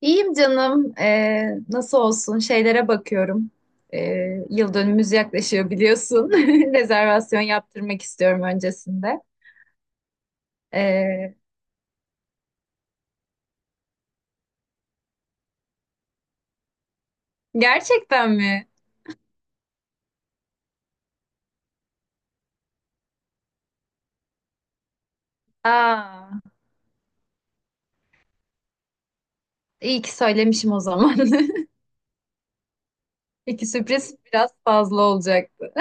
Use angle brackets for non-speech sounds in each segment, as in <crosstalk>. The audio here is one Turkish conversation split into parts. İyiyim canım. Nasıl olsun? Şeylere bakıyorum. Yıl dönümümüz yaklaşıyor biliyorsun. <laughs> Rezervasyon yaptırmak istiyorum öncesinde. Ee, Gerçekten mi? Aa, iyi ki söylemişim o zaman. <laughs> İki sürpriz biraz fazla olacaktı.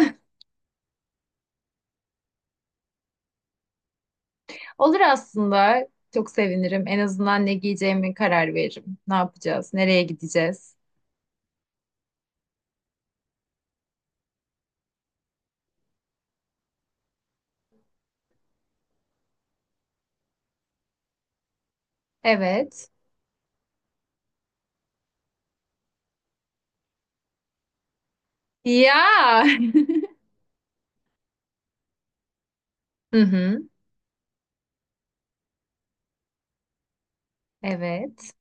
Olur aslında. Çok sevinirim. En azından ne giyeceğimi karar veririm. Ne yapacağız? Nereye gideceğiz? Evet. Ya. <laughs> Hı hı. Evet.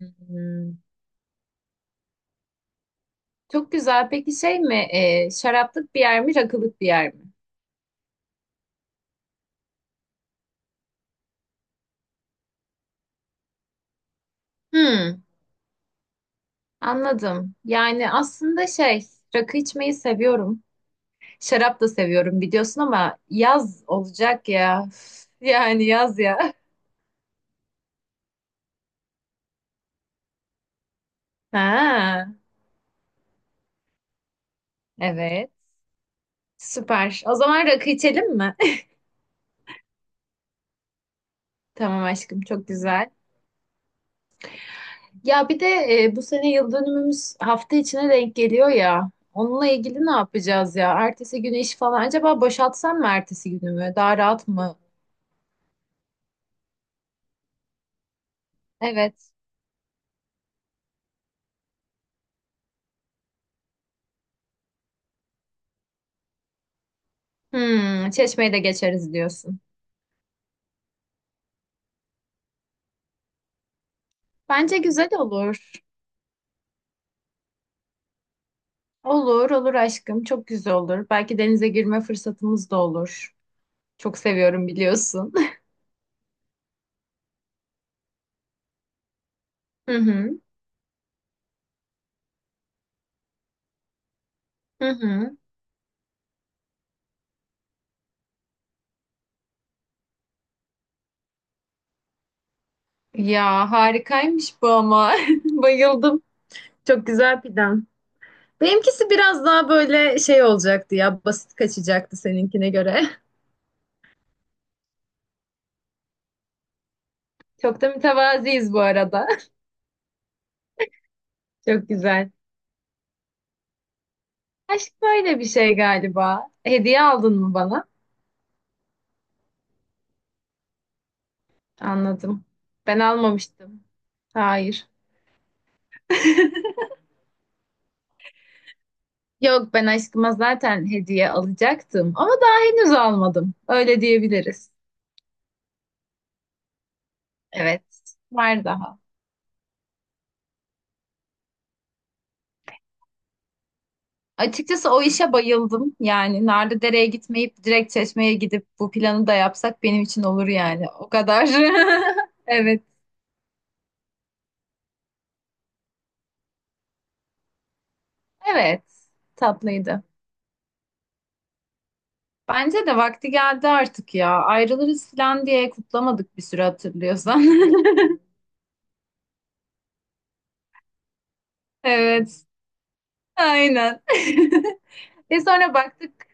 Hmm. Çok güzel. Peki şey mi? Şaraplık bir yer mi, rakılık bir yer mi? Hmm, anladım. Yani aslında şey, rakı içmeyi seviyorum. Şarap da seviyorum biliyorsun ama yaz olacak ya. Üf, yani yaz ya. <laughs> Ha, evet. Süper. O zaman rakı içelim mi? <laughs> Tamam aşkım, çok güzel. Ya bir de bu sene yıl dönümümüz hafta içine denk geliyor ya. Onunla ilgili ne yapacağız ya? Ertesi günü iş falan. Acaba boşaltsam mı ertesi günümü? Daha rahat mı? Evet. Hmm, Çeşme'yi de geçeriz diyorsun. Bence güzel olur. Olur, olur aşkım. Çok güzel olur. Belki denize girme fırsatımız da olur. Çok seviyorum biliyorsun. <laughs> Hı hı. Hı hı. Ya harikaymış bu ama. <laughs> Bayıldım. Çok güzel plan. Benimkisi biraz daha böyle şey olacaktı ya, basit kaçacaktı seninkine göre. <laughs> Çok da mütevaziyiz bu arada. <laughs> Çok güzel. Aşk böyle bir şey galiba. Hediye aldın mı bana? Anladım. Ben almamıştım. Hayır. Yok, ben aşkıma zaten hediye alacaktım ama daha henüz almadım. Öyle diyebiliriz. Evet, var daha. Açıkçası o işe bayıldım. Yani Narlıdere'ye gitmeyip direkt Çeşme'ye gidip bu planı da yapsak benim için olur yani. O kadar. <laughs> Evet. Evet. Tatlıydı. Bence de vakti geldi artık ya. Ayrılırız falan diye kutlamadık bir süre hatırlıyorsan. <laughs> Evet. Aynen. <laughs> Ve sonra baktık.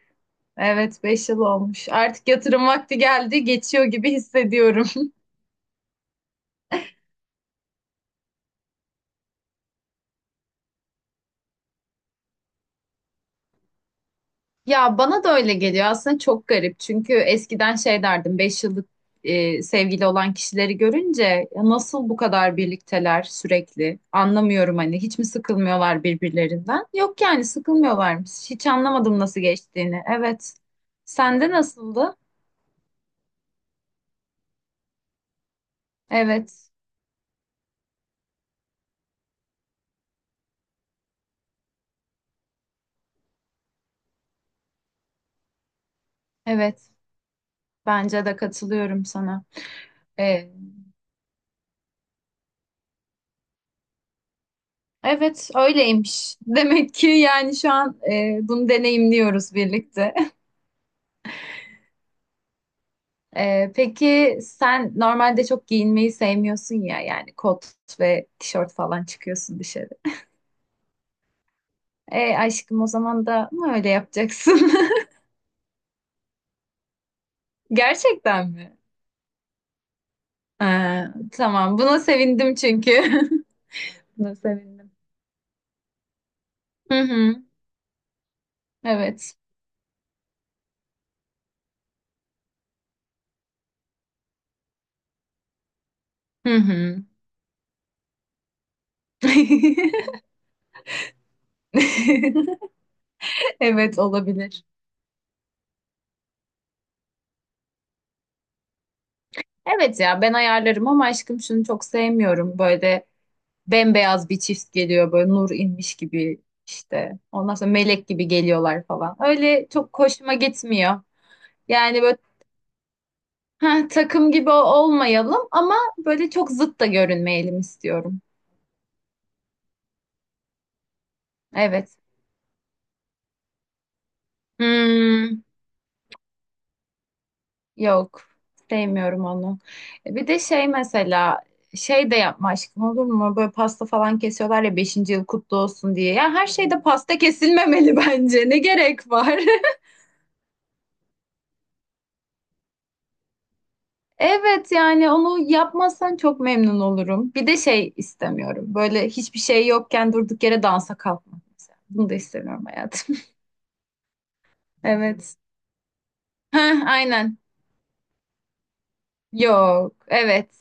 Evet, 5 yıl olmuş. Artık yatırım vakti geldi, geçiyor gibi hissediyorum. <laughs> Ya bana da öyle geliyor. Aslında çok garip. Çünkü eskiden şey derdim, 5 yıllık sevgili olan kişileri görünce, "Ya nasıl bu kadar birlikteler sürekli? Anlamıyorum, hani hiç mi sıkılmıyorlar birbirlerinden?" Yok yani, sıkılmıyorlarmış. Hiç anlamadım nasıl geçtiğini. Evet. Sende nasıldı? Evet. Evet. Bence de katılıyorum sana. E, Evet, öyleymiş. <laughs> Demek ki yani şu an bunu deneyimliyoruz birlikte. <laughs> Peki, sen normalde çok giyinmeyi sevmiyorsun ya, yani kot ve tişört falan çıkıyorsun dışarı. E aşkım, o zaman da mı öyle yapacaksın? <laughs> Gerçekten mi? Ha, tamam, buna sevindim çünkü. <laughs> Buna sevindim. Hı hı, evet. Hı hı. <laughs> <laughs> Evet, olabilir. Evet ya, ben ayarlarım ama aşkım, şunu çok sevmiyorum: böyle bembeyaz bir çift geliyor, böyle nur inmiş gibi işte. Ondan sonra melek gibi geliyorlar falan. Öyle çok hoşuma gitmiyor. Yani böyle, "Heh, takım gibi olmayalım ama böyle çok zıt da görünmeyelim" istiyorum. Evet. Hmm, yok. Sevmiyorum onu. Bir de şey mesela, şey de yapma aşkım, olur mu? Böyle pasta falan kesiyorlar ya, beşinci yıl kutlu olsun diye. Ya her şeyde pasta kesilmemeli <laughs> bence. Ne gerek var? <laughs> Evet, yani onu yapmazsan çok memnun olurum. Bir de şey istemiyorum: böyle hiçbir şey yokken durduk yere dansa kalkmak mesela. Bunu da istemiyorum hayatım. <laughs> Evet. Heh, aynen. Yok. Evet.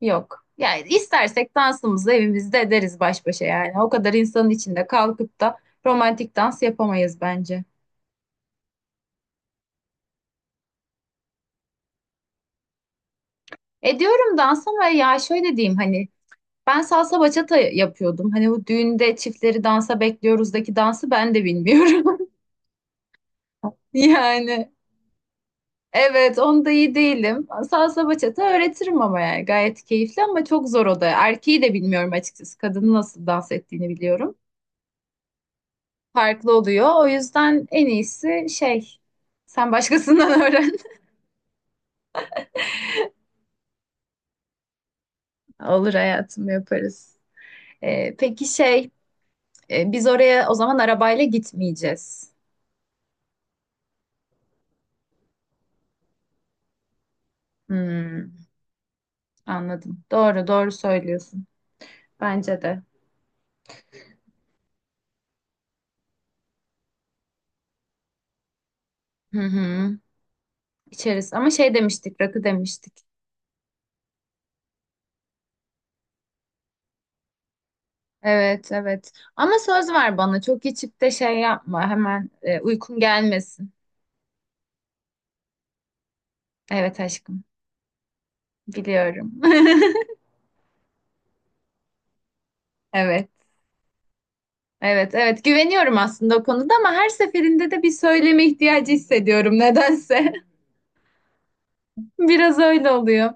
Yok. Yani istersek dansımızı evimizde ederiz baş başa yani. O kadar insanın içinde kalkıp da romantik dans yapamayız bence. Ediyorum dans ama ya şöyle diyeyim, hani ben salsa bachata yapıyordum. Hani bu düğünde çiftleri dansa bekliyoruzdaki dansı ben de bilmiyorum. <laughs> Yani evet, onda iyi değilim. Salsa bachata öğretirim ama yani gayet keyifli ama çok zor o da. Erkeği de bilmiyorum açıkçası. Kadının nasıl dans ettiğini biliyorum. Farklı oluyor. O yüzden en iyisi şey, sen başkasından <laughs> öğren. Olur hayatım, yaparız. Peki şey, biz oraya o zaman arabayla gitmeyeceğiz. Hmm, anladım. Doğru, doğru söylüyorsun. Bence de. Hı hı. İçeriz ama şey demiştik, rakı demiştik. Evet, evet. Ama söz ver bana, çok içip de şey yapma. Hemen uykun gelmesin. Evet aşkım, biliyorum. <laughs> Evet, evet, evet. Güveniyorum aslında o konuda ama her seferinde de bir söyleme ihtiyacı hissediyorum nedense. <laughs> Biraz öyle oluyor.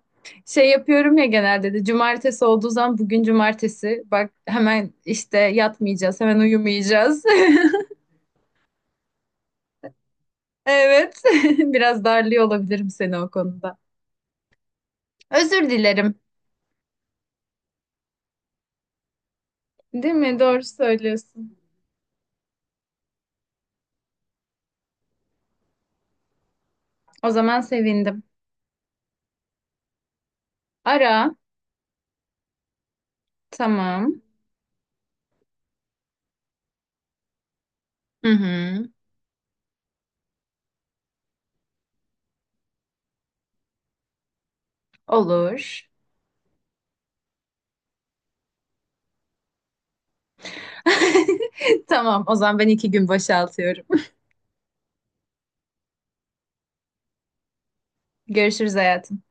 Şey yapıyorum ya, genelde de cumartesi olduğu zaman, bugün cumartesi. Bak hemen işte yatmayacağız, hemen uyumayacağız. <laughs> Evet, <laughs> biraz darlıyor olabilirim seni o konuda. Özür dilerim. Değil mi? Doğru söylüyorsun. O zaman sevindim. Ara. Tamam. Hı hı. Olur. <laughs> Tamam. O zaman ben iki gün boşaltıyorum. <laughs> Görüşürüz hayatım.